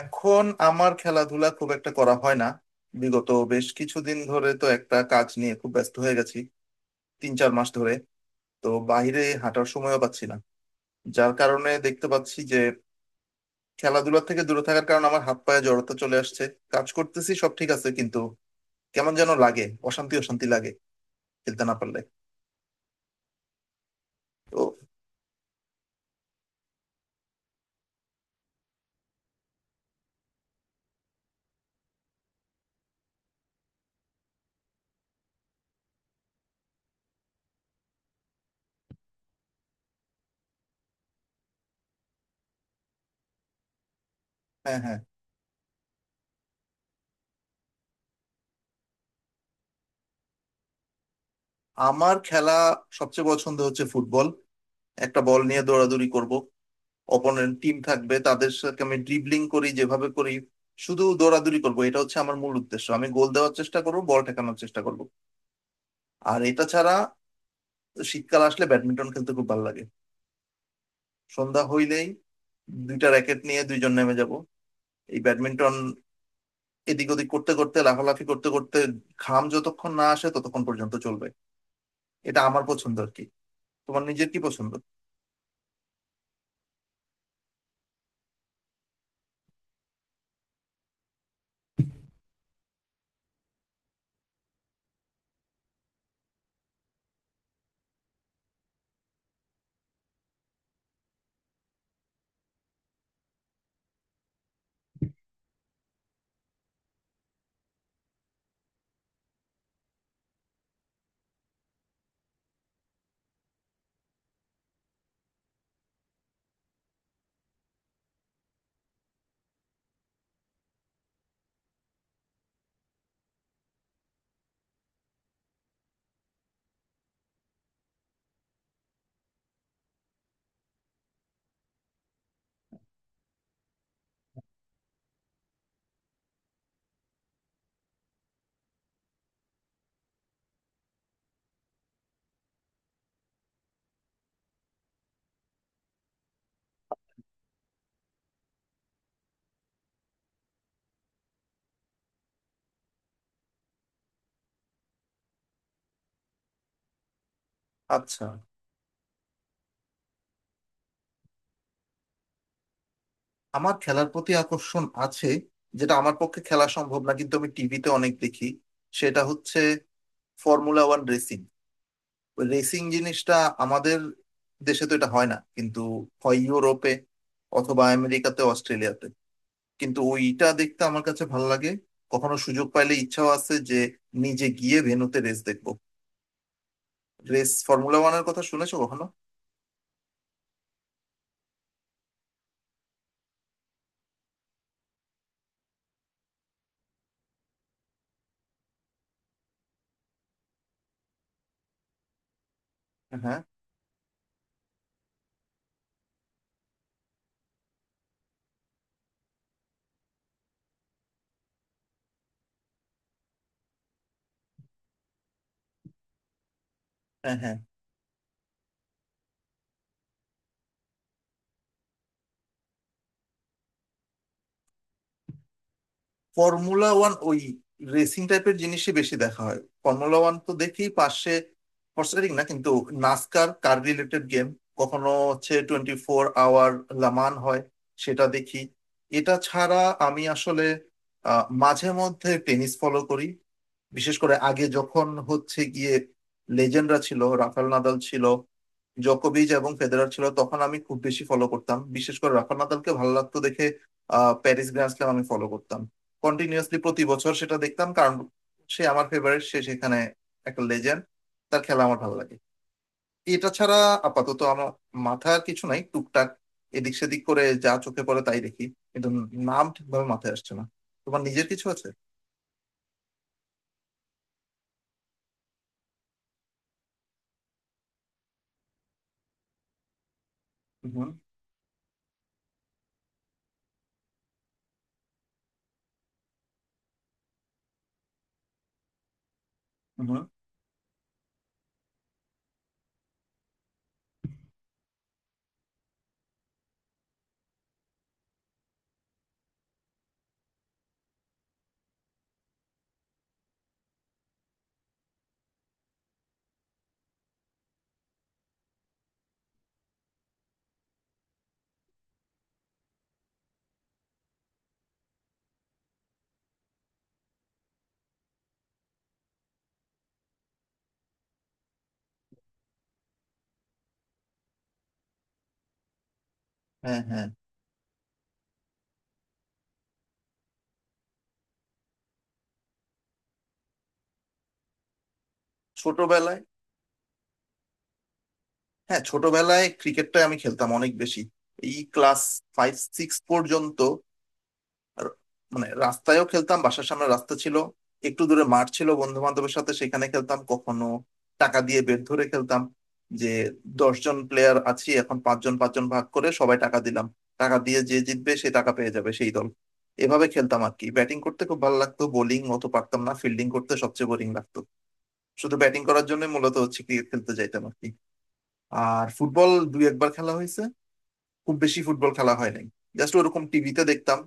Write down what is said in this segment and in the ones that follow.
এখন আমার খেলাধুলা খুব একটা করা হয় না। বিগত বেশ কিছুদিন ধরে তো একটা কাজ নিয়ে খুব ব্যস্ত হয়ে গেছি, তিন চার মাস ধরে। তো বাইরে হাঁটার সময়ও পাচ্ছি না, যার কারণে দেখতে পাচ্ছি যে খেলাধুলা থেকে দূরে থাকার কারণে আমার হাত পায়ে জড়তা চলে আসছে। কাজ করতেছি, সব ঠিক আছে, কিন্তু কেমন যেন লাগে, অশান্তি অশান্তি লাগে খেলতে না পারলে। তো হ্যাঁ, হ্যাঁ। আমার খেলা সবচেয়ে পছন্দ হচ্ছে ফুটবল। একটা বল নিয়ে দৌড়াদৌড়ি করব, অপোনেন্ট টিম থাকবে, তাদের সাথে আমি ড্রিবলিং করি যেভাবে করি, শুধু দৌড়াদৌড়ি করবো, এটা হচ্ছে আমার মূল উদ্দেশ্য। আমি গোল দেওয়ার চেষ্টা করবো, বল ঠেকানোর চেষ্টা করবো। আর এটা ছাড়া শীতকাল আসলে ব্যাডমিন্টন খেলতে খুব ভালো লাগে। সন্ধ্যা হইলেই দুইটা র্যাকেট নিয়ে দুইজন নেমে যাব, এই ব্যাডমিন্টন এদিক ওদিক করতে করতে, লাফালাফি করতে করতে, ঘাম যতক্ষণ না আসে ততক্ষণ পর্যন্ত চলবে। এটা আমার পছন্দ আর কি। তোমার নিজের কি পছন্দ? আচ্ছা, আমার খেলার প্রতি আকর্ষণ আছে যেটা আমার পক্ষে খেলা সম্ভব না, কিন্তু আমি টিভিতে অনেক দেখি। সেটা হচ্ছে ফর্মুলা ওয়ান রেসিং। রেসিং জিনিসটা আমাদের দেশে তো এটা হয় না, কিন্তু হয় ইউরোপে অথবা আমেরিকাতে, অস্ট্রেলিয়াতে। কিন্তু ওইটা দেখতে আমার কাছে ভালো লাগে। কখনো সুযোগ পাইলে ইচ্ছাও আছে যে নিজে গিয়ে ভেন্যুতে রেস দেখবো। রেস ফর্মুলা ওয়ানের কথা শুনেছো কখনো? হ্যাঁ, হ্যাঁ, হ্যাঁ। ফর্মুলা ওয়ান ওই রেসিং টাইপের জিনিসই বেশি দেখা হয়। ফর্মুলা ওয়ান তো দেখি, পাশে ফরসারিং না কিন্তু, নাসকার কার রিলেটেড গেম। কখনো হচ্ছে টোয়েন্টি ফোর আওয়ার লামান হয়, সেটা দেখি। এটা ছাড়া আমি আসলে মাঝে মধ্যে টেনিস ফলো করি। বিশেষ করে আগে যখন হচ্ছে গিয়ে লেজেন্ডরা ছিল, রাফাল নাদাল ছিল, জোকোভিচ এবং ফেদেরার ছিল, তখন আমি খুব বেশি ফলো করতাম। বিশেষ করে রাফাল নাদালকে ভালো লাগতো দেখে। প্যারিস গ্র্যান্ড স্ল্যাম আমি ফলো করতাম কন্টিনিউয়াসলি, প্রতি বছর সেটা দেখতাম, কারণ সে আমার ফেভারিট, সে সেখানে একটা লেজেন্ড, তার খেলা আমার ভালো লাগে। এটা ছাড়া আপাতত আমার মাথার কিছু নাই। টুকটাক এদিক সেদিক করে যা চোখে পড়ে তাই দেখি, কিন্তু নাম ঠিকভাবে মাথায় আসছে না। তোমার নিজের কিছু আছে? হুম, হুম। হ্যাঁ, হ্যাঁ। ছোটবেলায়, হ্যাঁ, ছোটবেলায় ক্রিকেটটা আমি খেলতাম অনেক বেশি, এই ক্লাস ফাইভ সিক্স পর্যন্ত। আর মানে রাস্তায়ও খেলতাম, বাসার সামনে রাস্তা ছিল, একটু দূরে মাঠ ছিল, বন্ধু বান্ধবের সাথে সেখানে খেলতাম। কখনো টাকা দিয়ে বেট ধরে খেলতাম, যে দশজন প্লেয়ার আছি এখন পাঁচজন পাঁচজন ভাগ করে সবাই টাকা দিলাম, টাকা দিয়ে যে জিতবে সে টাকা পেয়ে যাবে, সেই দল। এভাবে খেলতাম আর কি। ব্যাটিং করতে খুব ভালো লাগতো, বোলিং অত পারতাম না, ফিল্ডিং করতে সবচেয়ে বোরিং লাগতো। শুধু ব্যাটিং করার জন্য মূলত হচ্ছে ক্রিকেট খেলতে যাইতাম আর কি। আর ফুটবল দুই একবার খেলা হয়েছে, খুব বেশি ফুটবল খেলা হয় নাই। জাস্ট ওরকম টিভিতে দেখতাম।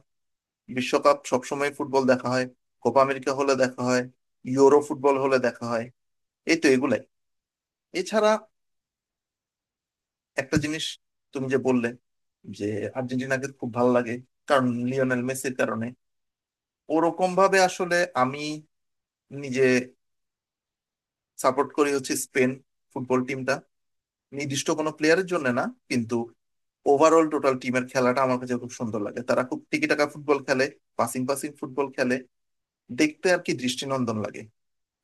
বিশ্বকাপ সবসময় ফুটবল দেখা হয়, কোপা আমেরিকা হলে দেখা হয়, ইউরো ফুটবল হলে দেখা হয়, এই তো এগুলাই। এছাড়া একটা জিনিস, তুমি যে বললে যে আর্জেন্টিনাকে খুব ভালো লাগে কারণ লিওনেল মেসির কারণে, ওরকম ভাবে আসলে আমি নিজে সাপোর্ট করি হচ্ছে স্পেন ফুটবল টিমটা। নির্দিষ্ট কোনো প্লেয়ারের জন্য না, কিন্তু ওভারঅল টোটাল টিমের খেলাটা আমার কাছে খুব সুন্দর লাগে। তারা খুব টিকিটাকা ফুটবল খেলে, পাসিং পাসিং ফুটবল খেলে, দেখতে আর কি দৃষ্টিনন্দন লাগে।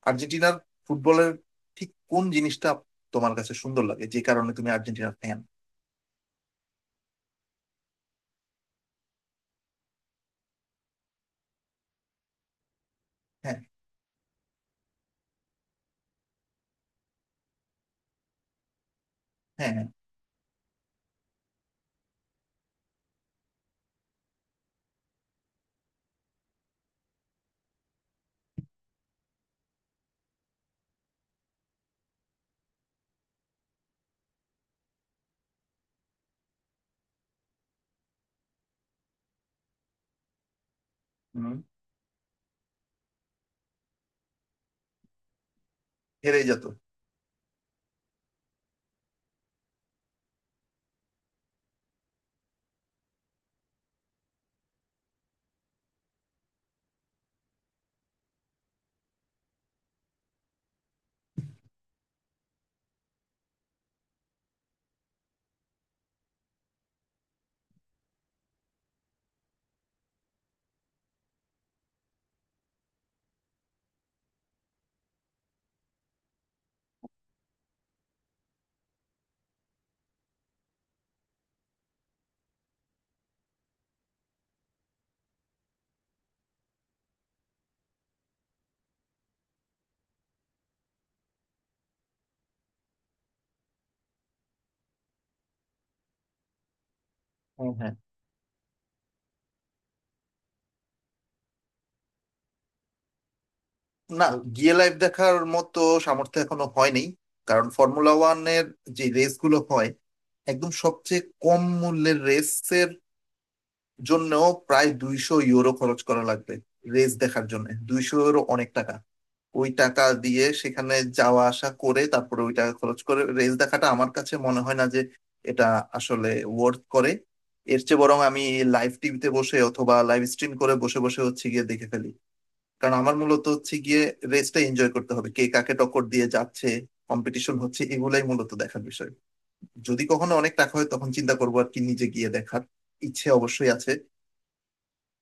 আর্জেন্টিনার ফুটবলের ঠিক কোন জিনিসটা তোমার কাছে সুন্দর লাগে যে কারণে তুমি আর্জেন্টিনার ফ্যান? হ্যাঁ, হ্যাঁ, হ্যাঁ। হুম, হেরেই যেত। হ্যাঁ, হ্যাঁ। না, গিয়ে লাইভ দেখার মতো সামর্থ্য এখনো হয়নি। কারণ ফর্মুলা ওয়ানের যে রেস গুলো হয়, একদম সবচেয়ে কম মূল্যের রেসের জন্য প্রায় 200 ইউরো খরচ করা লাগবে। রেস দেখার জন্য 200 ইউরো অনেক টাকা। ওই টাকা দিয়ে সেখানে যাওয়া আসা করে তারপরে ওই টাকা খরচ করে রেস দেখাটা আমার কাছে মনে হয় না যে এটা আসলে ওয়ার্থ করে। এর চেয়ে বরং আমি লাইভ টিভিতে বসে, অথবা লাইভ স্ট্রিম করে বসে বসে হচ্ছে গিয়ে দেখে ফেলি। কারণ আমার মূলত হচ্ছে গিয়ে রেসটা এনজয় করতে হবে, কে কাকে টক্কর দিয়ে যাচ্ছে, কম্পিটিশন হচ্ছে, এগুলাই মূলত দেখার বিষয়। যদি কখনো অনেক টাকা হয় তখন চিন্তা করবো আর কি নিজে গিয়ে দেখার, ইচ্ছে অবশ্যই আছে।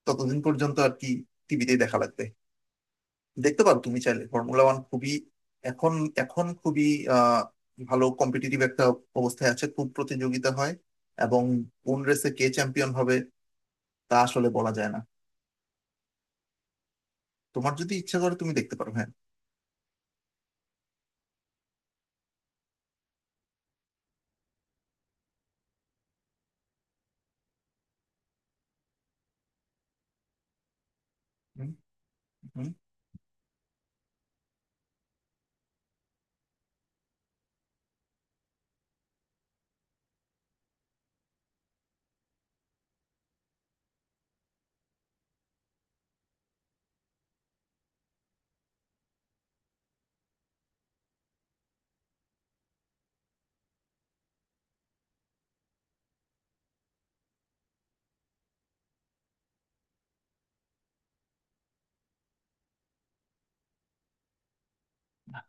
ততদিন পর্যন্ত আর কি টিভিতেই দেখা লাগবে। দেখতে পারো তুমি চাইলে, ফর্মুলা ওয়ান খুবই, এখন এখন খুবই আহ ভালো কম্পিটিটিভ একটা অবস্থায় আছে, খুব প্রতিযোগিতা হয়। এবং কোন রেসে কে চ্যাম্পিয়ন হবে তা আসলে বলা যায় না। তোমার যদি ইচ্ছা করে তুমি দেখতে পারো, হ্যাঁ। হুম, হুম।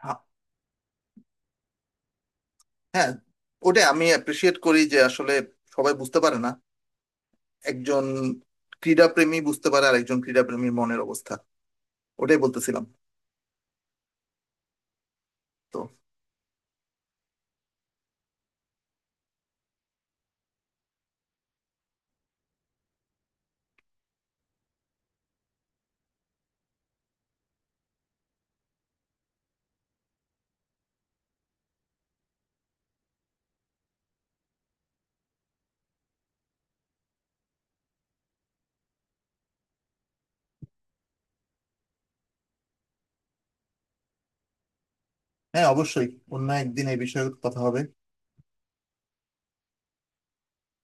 আ- হ্যাঁ, ওটাই আমি অ্যাপ্রিসিয়েট করি, যে আসলে সবাই বুঝতে পারে না, একজন ক্রীড়া প্রেমী বুঝতে পারে আর একজন ক্রীড়া প্রেমীর মনের অবস্থা। ওটাই বলতেছিলাম। তো হ্যাঁ, অবশ্যই। অন্য একদিন এই বিষয়ে কথা হবে।